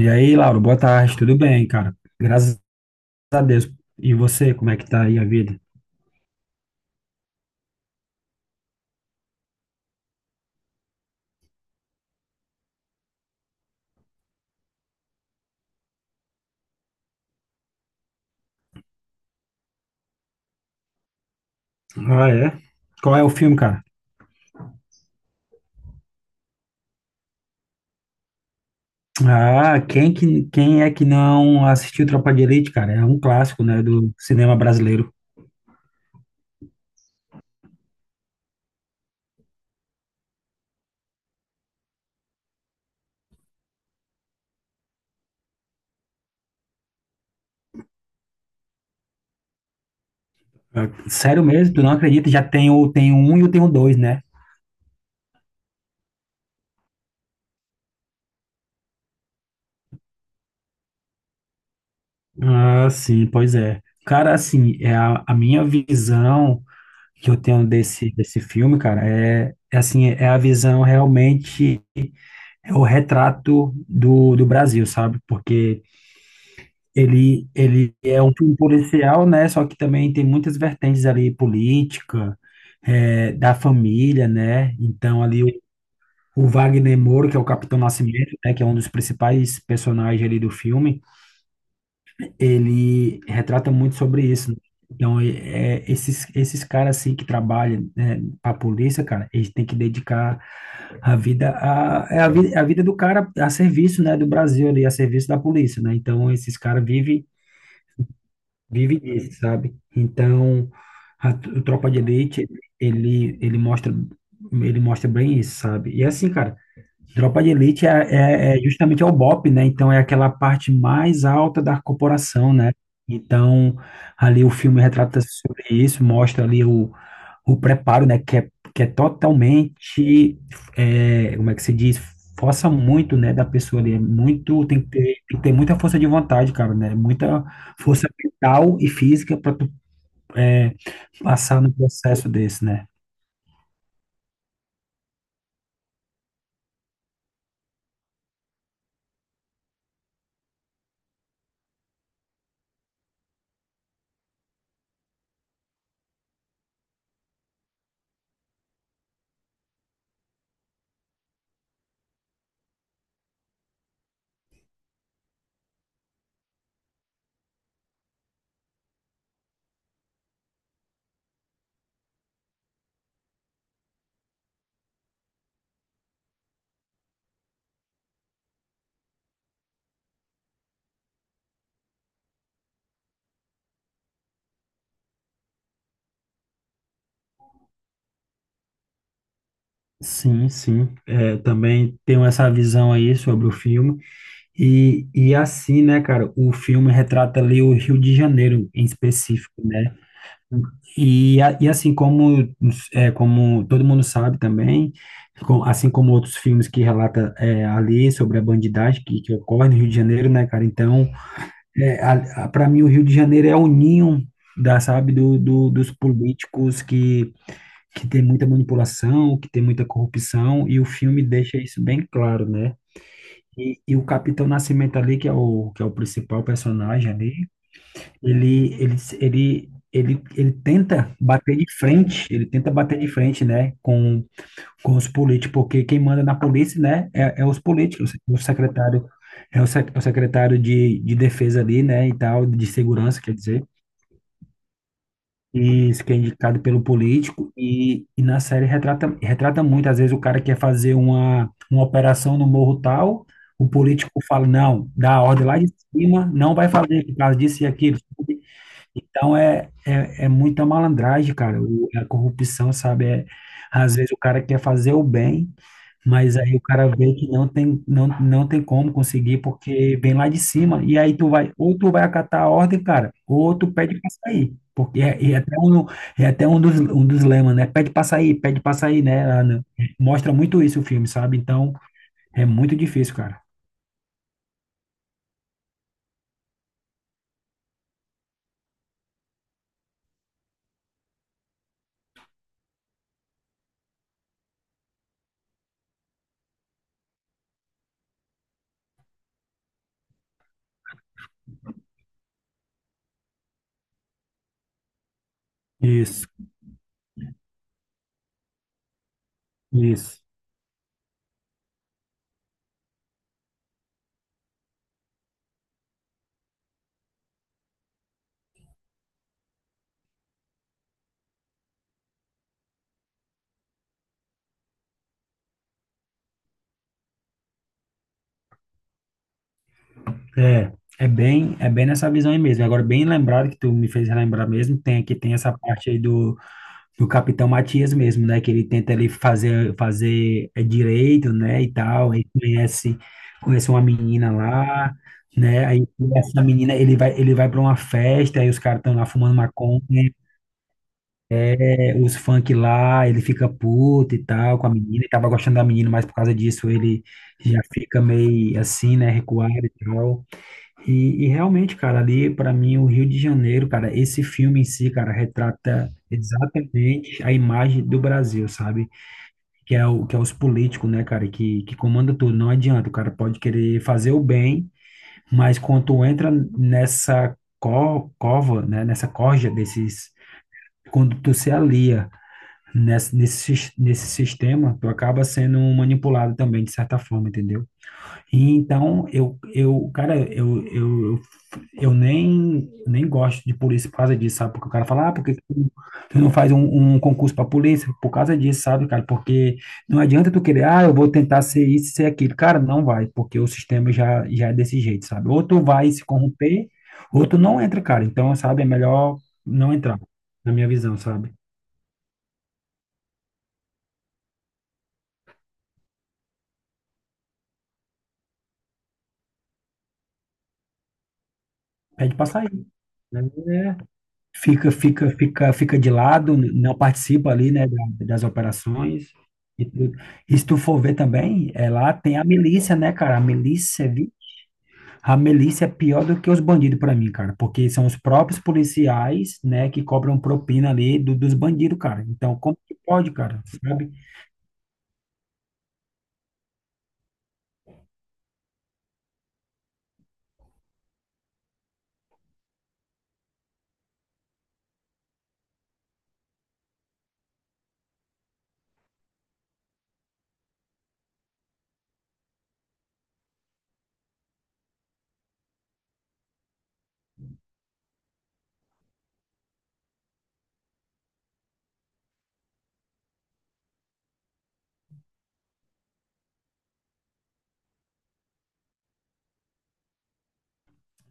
E aí, Lauro, boa tarde, tudo bem, cara? Graças a Deus. E você, como é que tá aí a vida? Ah, é? Qual é o filme, cara? Ah, quem é que não assistiu Tropa de Elite, cara? É um clássico, né, do cinema brasileiro. Ah, sério mesmo, tu não acredita? Já tem o, tem o um e o tem o dois, né? Ah, sim, pois é. Cara, assim, é a minha visão que eu tenho desse filme, cara, é assim, é a visão realmente é o retrato do Brasil, sabe? Porque ele é um filme policial, né? Só que também tem muitas vertentes ali, política, é, da família, né? Então ali o Wagner Moura, que é o Capitão Nascimento, né? Que é um dos principais personagens ali do filme, ele retrata muito sobre isso, né? Então, esses caras assim que trabalham, né, para a polícia, cara, eles têm que dedicar a vida, é a vida do cara a serviço, né, do Brasil ali, a serviço da polícia, né? Então, esses caras vive disso, sabe? Então, o Tropa de Elite, ele, ele mostra, ele mostra bem isso, sabe? E é assim, cara, Tropa de Elite é justamente é o BOPE, né? Então, é aquela parte mais alta da corporação, né? Então, ali o filme retrata sobre isso, mostra ali o preparo, né, que é totalmente, é, como é que se diz, força muito, né, da pessoa ali, é muito, tem que ter muita força de vontade, cara, né, muita força mental e física para tu é, passar no processo desse, né. Sim, sim, é, também tenho essa visão aí sobre o filme, e assim, né, cara, o filme retrata ali o Rio de Janeiro em específico, né. E, e assim como, é, como todo mundo sabe também, assim como outros filmes que relata é, ali sobre a bandidagem que ocorre no Rio de Janeiro, né, cara? Então, é, para mim, o Rio de Janeiro é o ninho da, sabe, dos políticos que tem muita manipulação, que tem muita corrupção, e o filme deixa isso bem claro, né? E o Capitão Nascimento ali, que é o principal personagem ali, ele tenta bater de frente, ele tenta bater de frente, né, com os políticos, porque quem manda na polícia, né, é os políticos, é o secretário, é o, é o secretário de defesa ali, né, e tal, de segurança, quer dizer, e isso que é indicado pelo político, e na série retrata, retrata muito, às vezes o cara quer fazer uma operação no morro tal, o político fala, não, dá a ordem lá de cima, não vai fazer por causa disso e aquilo, então é muita malandragem, cara. O- a corrupção, sabe? É, às vezes o cara quer fazer o bem, mas aí o cara vê que não tem, não tem como conseguir porque vem lá de cima. E aí tu vai, ou tu vai acatar a ordem, cara, ou tu pede pra sair. Porque é até um dos lemas, né? Pede pra sair, né? Lá no- Mostra muito isso o filme, sabe? Então é muito difícil, cara. Isso, isso. É, é bem nessa visão aí mesmo. Agora, bem lembrado que tu me fez relembrar mesmo, tem aqui tem essa parte aí do Capitão Matias mesmo, né? Que ele tenta ali fazer é, direito, né, e tal. Aí conhece uma menina lá, né? Aí essa menina, ele vai para uma festa, aí os caras estão lá fumando maconha, é, os funk lá, ele fica puto e tal com a menina, ele tava gostando da menina, mas por causa disso ele já fica meio assim, né, recuado e tal. E realmente, cara, ali para mim o Rio de Janeiro, cara, esse filme em si, cara, retrata exatamente a imagem do Brasil, sabe? Que é o que é os políticos, né, cara, que comanda tudo. Não adianta, o cara pode querer fazer o bem, mas quando entra nessa co- cova, né, nessa corja desses, quando tu se alia nesse nesse sistema, tu acaba sendo manipulado também de certa forma, entendeu? E então, eu, cara, eu nem, nem gosto de polícia por causa disso, sabe? Porque o cara fala, ah, por que que tu não faz um, um concurso para polícia? Por causa disso, sabe, cara? Porque não adianta tu querer, ah, eu vou tentar ser isso, ser aquilo. Cara, não vai, porque o sistema já é desse jeito, sabe? Ou tu vai se corromper, ou tu não entra, cara. Então, sabe, é melhor não entrar, na minha visão, sabe? Pede pra sair. Né? Fica de lado, não participa ali, né, da- das operações e tudo. E se tu for ver também, é, lá tem a milícia, né, cara? A milícia, a milícia é pior do que os bandidos para mim, cara, porque são os próprios policiais, né, que cobram propina ali do- dos bandidos, cara. Então, como que pode, cara? Sabe?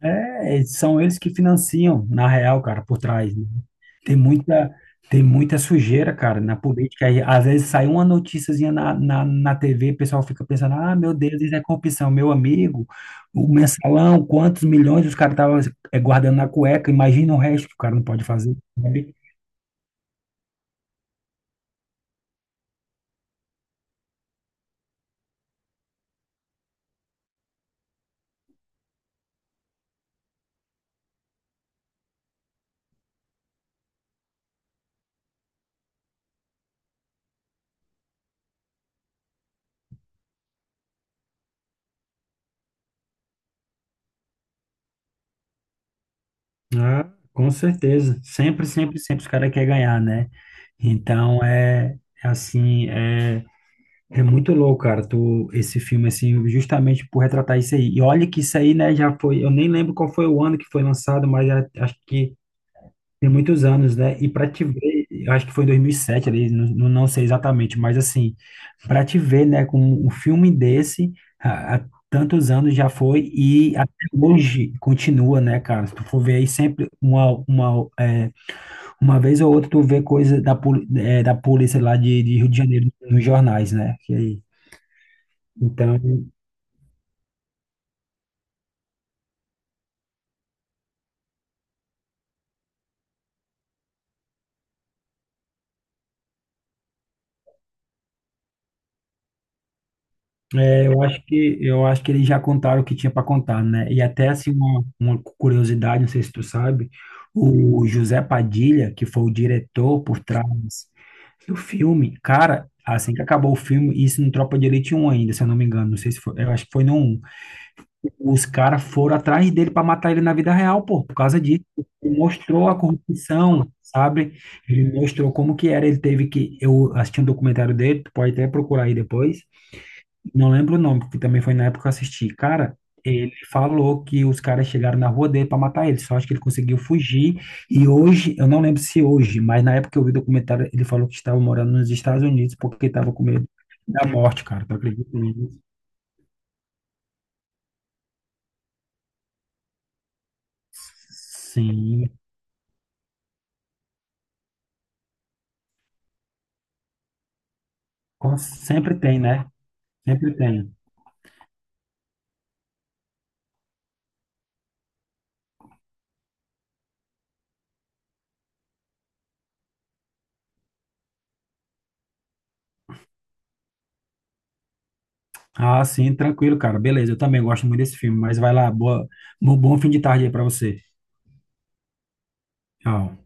É, são eles que financiam, na real, cara, por trás. Né? Tem muita, tem muita sujeira, cara, na política. Aí, às vezes sai uma noticiazinha na TV, o pessoal fica pensando, ah, meu Deus, isso é corrupção. Meu amigo, o mensalão, quantos milhões os caras estavam guardando na cueca, imagina o resto que o cara não pode fazer, sabe? Ah, com certeza. Sempre os caras querem ganhar, né? Então, é assim, é é muito louco, cara, tu, esse filme, assim, justamente por retratar isso aí. E olha que isso aí, né, já foi, eu nem lembro qual foi o ano que foi lançado, mas já- acho que tem muitos anos, né? E pra te ver, eu acho que foi em 2007 ali, não sei exatamente, mas assim, pra te ver, né, com um filme desse, há tantos anos já foi e até hoje continua, né, cara? Se tu for ver aí sempre é, uma vez ou outra tu vê coisa da, é, da polícia lá de Rio de Janeiro nos jornais, né? Que aí então, é, eu acho que eles já contaram o que tinha para contar, né? E até assim uma curiosidade, não sei se tu sabe, o José Padilha, que foi o diretor por trás do filme, cara, assim que acabou o filme, isso no Tropa de Elite 1 ainda, se eu não me engano, não sei se foi, eu acho que foi no 1. Os caras foram atrás dele para matar ele na vida real, pô, por causa disso. Ele mostrou a corrupção, sabe? Ele mostrou como que era, ele teve que eu assisti um documentário dele, tu pode até procurar aí depois. Não lembro o nome, porque também foi na época que eu assisti. Cara, ele falou que os caras chegaram na rua dele para matar ele, só acho que ele conseguiu fugir. E hoje, eu não lembro se hoje, mas na época que eu vi o documentário, ele falou que estava morando nos Estados Unidos porque estava com medo da morte, cara. Tu acredita nisso? Sim, sempre tem, né? Sempre tem. Ah, sim, tranquilo, cara. Beleza, eu também gosto muito desse filme, mas vai lá, boa, bom fim de tarde aí para você. Tchau.